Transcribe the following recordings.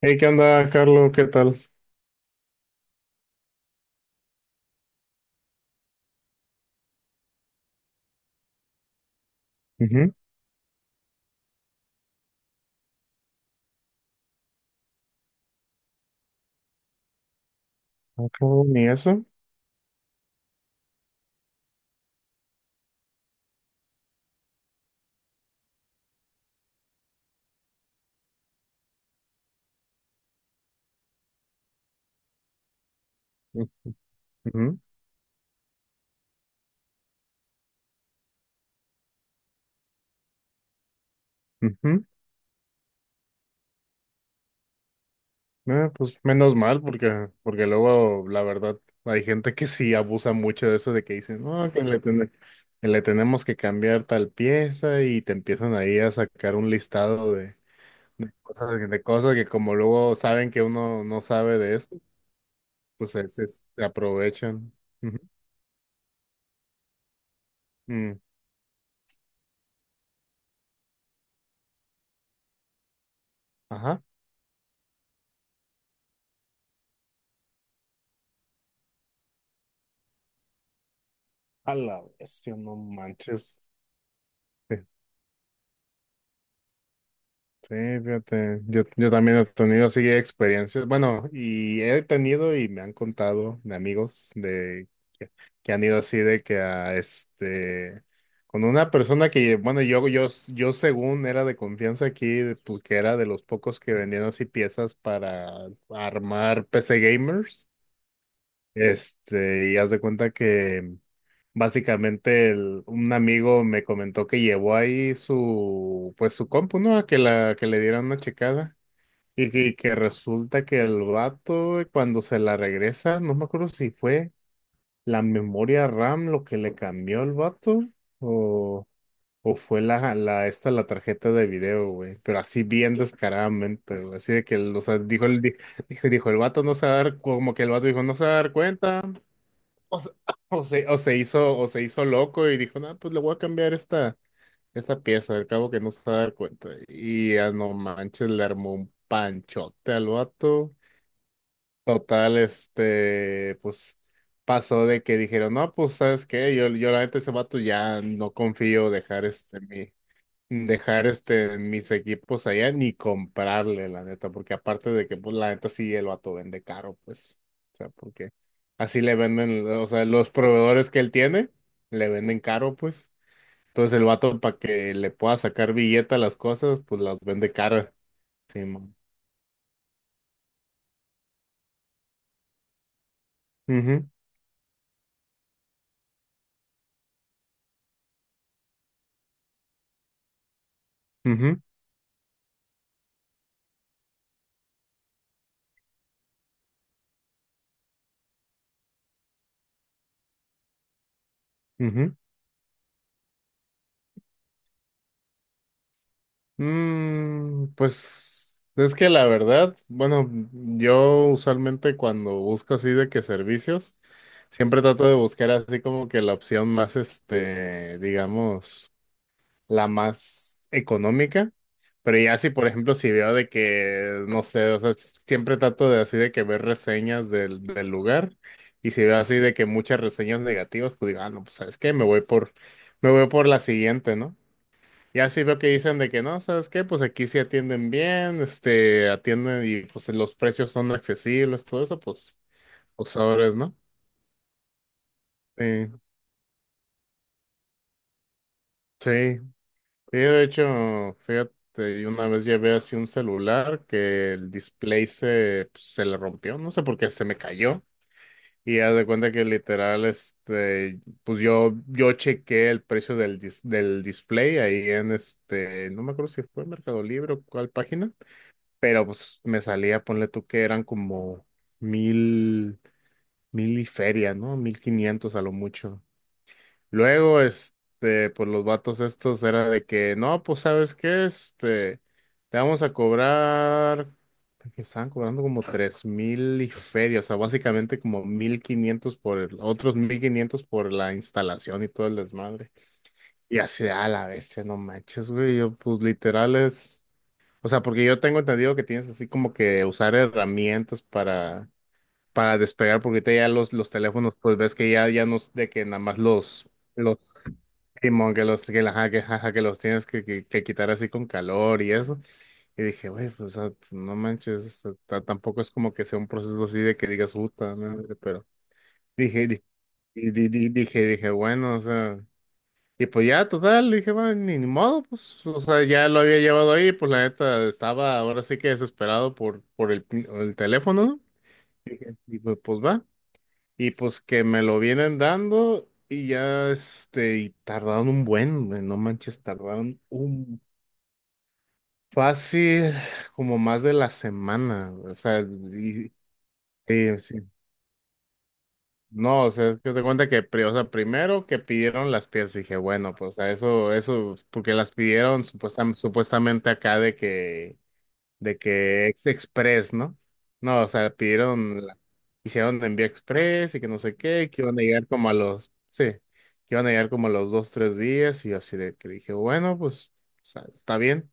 Hey, ¿qué onda, Carlos? ¿Qué tal? Ujú. Ah, cabrón, ¿y eso? Ujú, ujú. Ah, pues menos mal, porque, porque luego, la verdad, hay gente que sí abusa mucho de eso, de que dicen, no, que le, que le tenemos que cambiar tal pieza y te empiezan ahí a sacar un listado de cosas que como luego saben que uno no sabe de eso, pues es, se aprovechan. Ujú. Mm. Ajá. A la bestia, no manches. Sí, fíjate, yo también he tenido así experiencias, bueno, y he tenido y me han contado de amigos de que, que han ido así de que a este, con una persona que, bueno, yo según era de confianza aquí, pues que era de los pocos que vendían así piezas para armar PC gamers, este, y haz de cuenta que básicamente un amigo me comentó que llevó ahí su, pues su compu, ¿no? A que la, que le dieran una checada. Y que resulta que el vato, cuando se la regresa, no me acuerdo si fue la memoria RAM lo que le cambió el vato o, o fue la, esta, la tarjeta de video, güey. Pero así bien descaradamente, güey. Así de que, o sea, dijo el, dijo, dijo el vato no se va a dar, como que el vato dijo no se va a dar cuenta. O se, o se hizo loco y dijo, no, pues le voy a cambiar esta, esta pieza, al cabo que no se va a dar cuenta. Y a no manches, le armó un panchote al vato. Total, este, pues pasó de que dijeron, no, pues sabes qué, yo la neta ese vato ya no confío dejar este mi, dejar este mis equipos allá ni comprarle, la neta, porque aparte de que, pues, la neta sí el vato vende caro, pues, o sea, porque así le venden, o sea, los proveedores que él tiene le venden caro, pues, entonces el vato para que le pueda sacar billete a las cosas, pues las vende cara, sí, mo. Ujú, ujú, ujú. Mm, pues es que la verdad, bueno, yo usualmente cuando busco así de que servicios, siempre trato de buscar así como que la opción más, este, digamos, la más económica. Pero ya si, por ejemplo, si veo de que, no sé, o sea, siempre trato de así de que ver reseñas del, del lugar. Y si veo así de que muchas reseñas negativas, pues digo, ah, no, pues sabes qué, me voy por la siguiente, ¿no? Ya sí veo que dicen de que no, ¿sabes qué? Pues aquí sí atienden bien, este, atienden y pues los precios son accesibles, todo eso, pues, pues sabes, ¿no? Sí, sí, sí, de hecho, fíjate, yo una vez llevé así un celular que el display se, pues, se le rompió, no sé por qué, se me cayó. Y haz de cuenta que literal, este, pues yo chequé el precio del, del display ahí en este, no me acuerdo si fue Mercado Libre o cuál página. Pero pues me salía, ponle tú que eran como mil, mil y feria, ¿no? 1,500 a lo mucho. Luego, este, pues los vatos estos era de que, no, pues sabes qué, este, te vamos a cobrar, que estaban cobrando como 3,000 y feria, o sea, básicamente como 1,500 por el, otros 1,500 por la instalación y todo el desmadre. Y así, a la bestia, no manches, güey, yo pues literal es... O sea, porque yo tengo entendido que tienes así como que usar herramientas para despegar, porque ahorita ya los teléfonos, pues ves que ya, ya no es de que nada más los, Simón, que los, que, ajá, que, ajá, que los tienes que quitar así con calor y eso. Y dije, güey, pues, o sea, no manches, o sea, tampoco es como que sea un proceso así de que digas, puta madre, pero dije, y dije, dije, bueno, o sea. Y pues ya, total, dije, bueno, ni, ni modo, pues, o sea, ya lo había llevado ahí, pues la neta estaba ahora sí que desesperado por el, el teléfono, ¿no? Y pues, pues va. Y pues que me lo vienen dando y ya, este, y tardaron un buen, güey, no manches, tardaron un fácil como más de la semana, o sea, y, sí, sí, no, o sea, es que se cuenta que, o sea, primero que pidieron las piezas, dije, bueno, pues a eso, eso, porque las pidieron supuestamente acá de que ex express, ¿no? No, o sea, pidieron, hicieron envío express y que no sé qué, que iban a llegar como a los, sí, que iban a llegar como a los dos, tres días, y yo así de que dije, bueno, pues, o sea, está bien.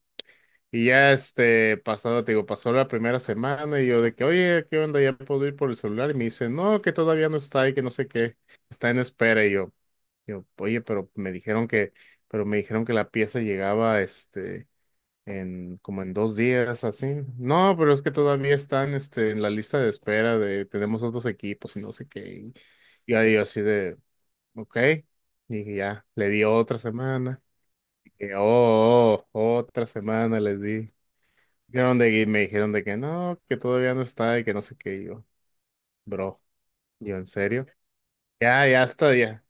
Y ya este pasado, te digo, pasó la primera semana y yo de que, oye, ¿qué onda? ¿Ya puedo ir por el celular? Y me dice, no, que todavía no está y que no sé qué, está en espera. Y yo, oye, pero me dijeron que, pero me dijeron que la pieza llegaba este en como en 2 días, así. No, pero es que todavía están este en la lista de espera de tenemos otros equipos y no sé qué. Y ahí yo así de, ok. Y ya, le di otra semana. Y, oh, oh, oh, otra semana les di. Dijeron de, y me dijeron de que no, que todavía no está y que no sé qué. Y yo, bro, yo en serio. Ya, ya está, ya.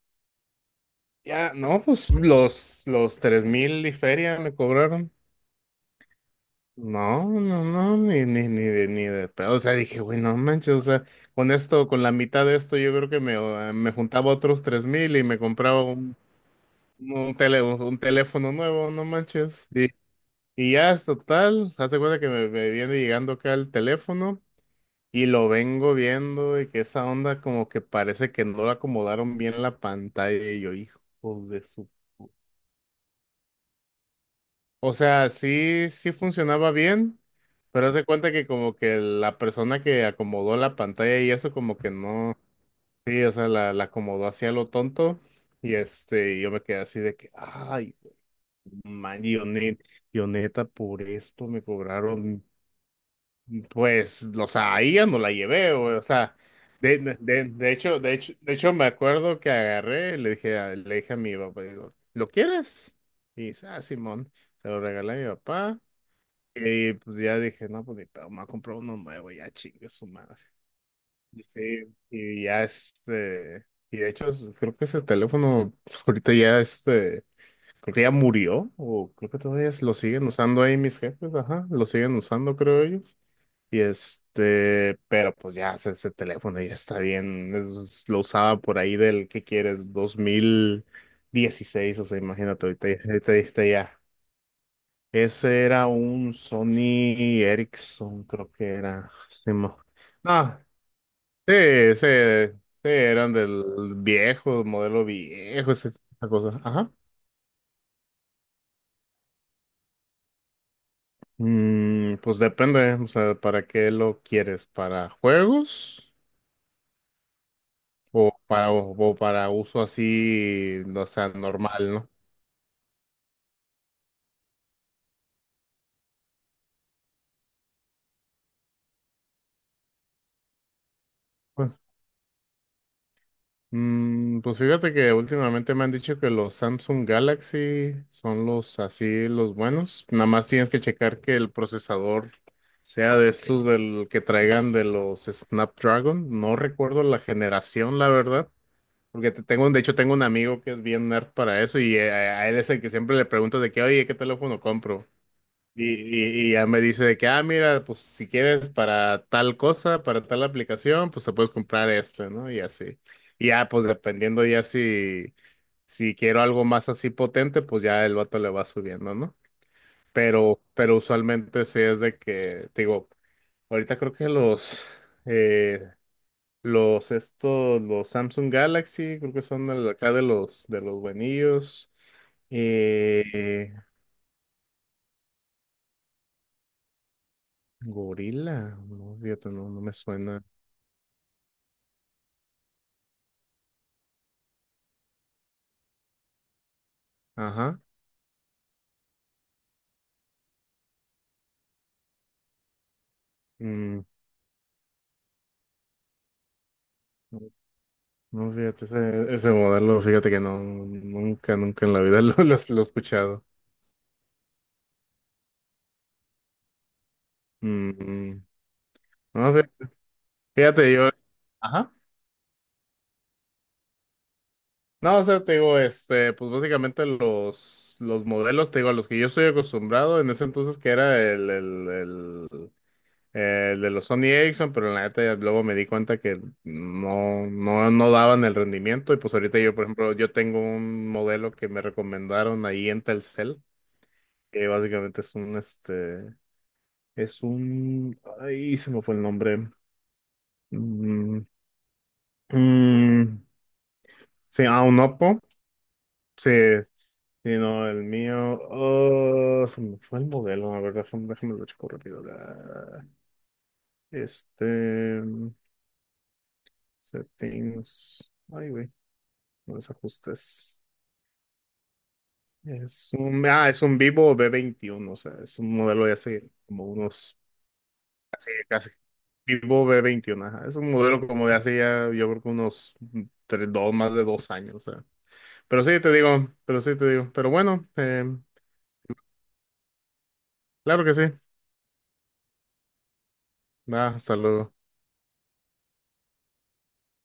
Ya, no, pues los 3,000 y feria me cobraron. No, no, no, ni, ni, ni de, ni de pedo. O sea, dije, güey, no manches, o sea, con esto, con la mitad de esto, yo creo que me, me juntaba otros 3,000 y me compraba un, tele, un, teléfono nuevo, no manches. Y ya es total, hace cuenta que me viene llegando acá el teléfono. Y lo vengo viendo y que esa onda como que parece que no la acomodaron bien la pantalla y yo, hijo de su... pu-. O sea, sí, sí funcionaba bien, pero haz de cuenta que como que la persona que acomodó la pantalla y eso como que no... Sí, o sea, la acomodó hacia lo tonto y este, yo me quedé así de que, ay, man, yo, yo neta, por esto me cobraron. Pues, o sea, ahí ya no la llevé, güey. O sea, de, de hecho, de hecho, de hecho, me acuerdo que agarré, y le dije, le dije a mi papá, digo, ¿lo quieres? Y dice, ah, Simón, se lo regalé a mi papá. Y pues ya dije, no, pues mi papá me ha comprado uno nuevo, ya chingue su madre. Y sí, y ya este, y de hecho, creo que ese teléfono ahorita ya este, creo que ya murió, o creo que todavía lo siguen usando ahí mis jefes, ajá, lo siguen usando, creo ellos. Y este, pero pues ya, o sea, ese teléfono ya está bien. Lo usaba por ahí del, ¿qué quieres?, 2016, o sea, imagínate, ahorita, ahorita, ahorita ya. Ese era un Sony Ericsson, creo que era. No, sí, sí, sí, eran del viejo, modelo viejo, esa esa cosa. Ajá. Mm, pues depende, o sea, ¿para qué lo quieres? ¿Para juegos? O para, o, o para uso así, o sea, normal, ¿no? Pues, mm, pues fíjate que últimamente me han dicho que los Samsung Galaxy son los así, los buenos. Nada más tienes que checar que el procesador sea de estos del que traigan de los Snapdragon. No recuerdo la generación, la verdad. Porque tengo, de hecho, tengo un amigo que es bien nerd para eso y a él es el que siempre le pregunto de que, oye, ¿qué teléfono compro? Y, y ya me dice de que, ah, mira, pues si quieres para tal cosa, para tal aplicación, pues te puedes comprar este, ¿no? Y así. Y ya, pues dependiendo ya si, si quiero algo más así potente, pues ya el vato le va subiendo, ¿no? Pero usualmente sí es de que, te digo, ahorita creo que eh, los estos, los Samsung Galaxy, creo que son acá de los buenillos. Eh, Gorila, no, fíjate, no, no me suena. Ajá. Mm, no, no, fíjate, ese modelo, fíjate que no, nunca, nunca en la vida lo he escuchado. Mm, mm. No, fíjate, yo, ajá. No, o sea, te digo, este, pues básicamente los modelos, te digo, a los que yo estoy acostumbrado en ese entonces que era el de los Sony Ericsson, pero en la neta ya luego me di cuenta que no, no, no daban el rendimiento y pues ahorita yo, por ejemplo, yo tengo un modelo que me recomendaron ahí en Telcel que básicamente es un, este, es un, ahí se me fue el nombre. Mm, mm, sí, ah, un Oppo. Sí, sí, no, el mío, oh, se me fue el modelo, a ver, déjame, déjame lo checo rápido. Este, mm, settings, ay, güey, no, los ajustes. Es un, ah, es un Vivo B21, o sea, es un modelo de hace como unos. Casi. Vivo B21, ajá. Es un modelo como de hace ya, yo creo que unos tres, dos, más de 2 años. O sea. Pero sí te digo, pero sí te digo. Pero bueno, claro que sí. Nada, hasta luego.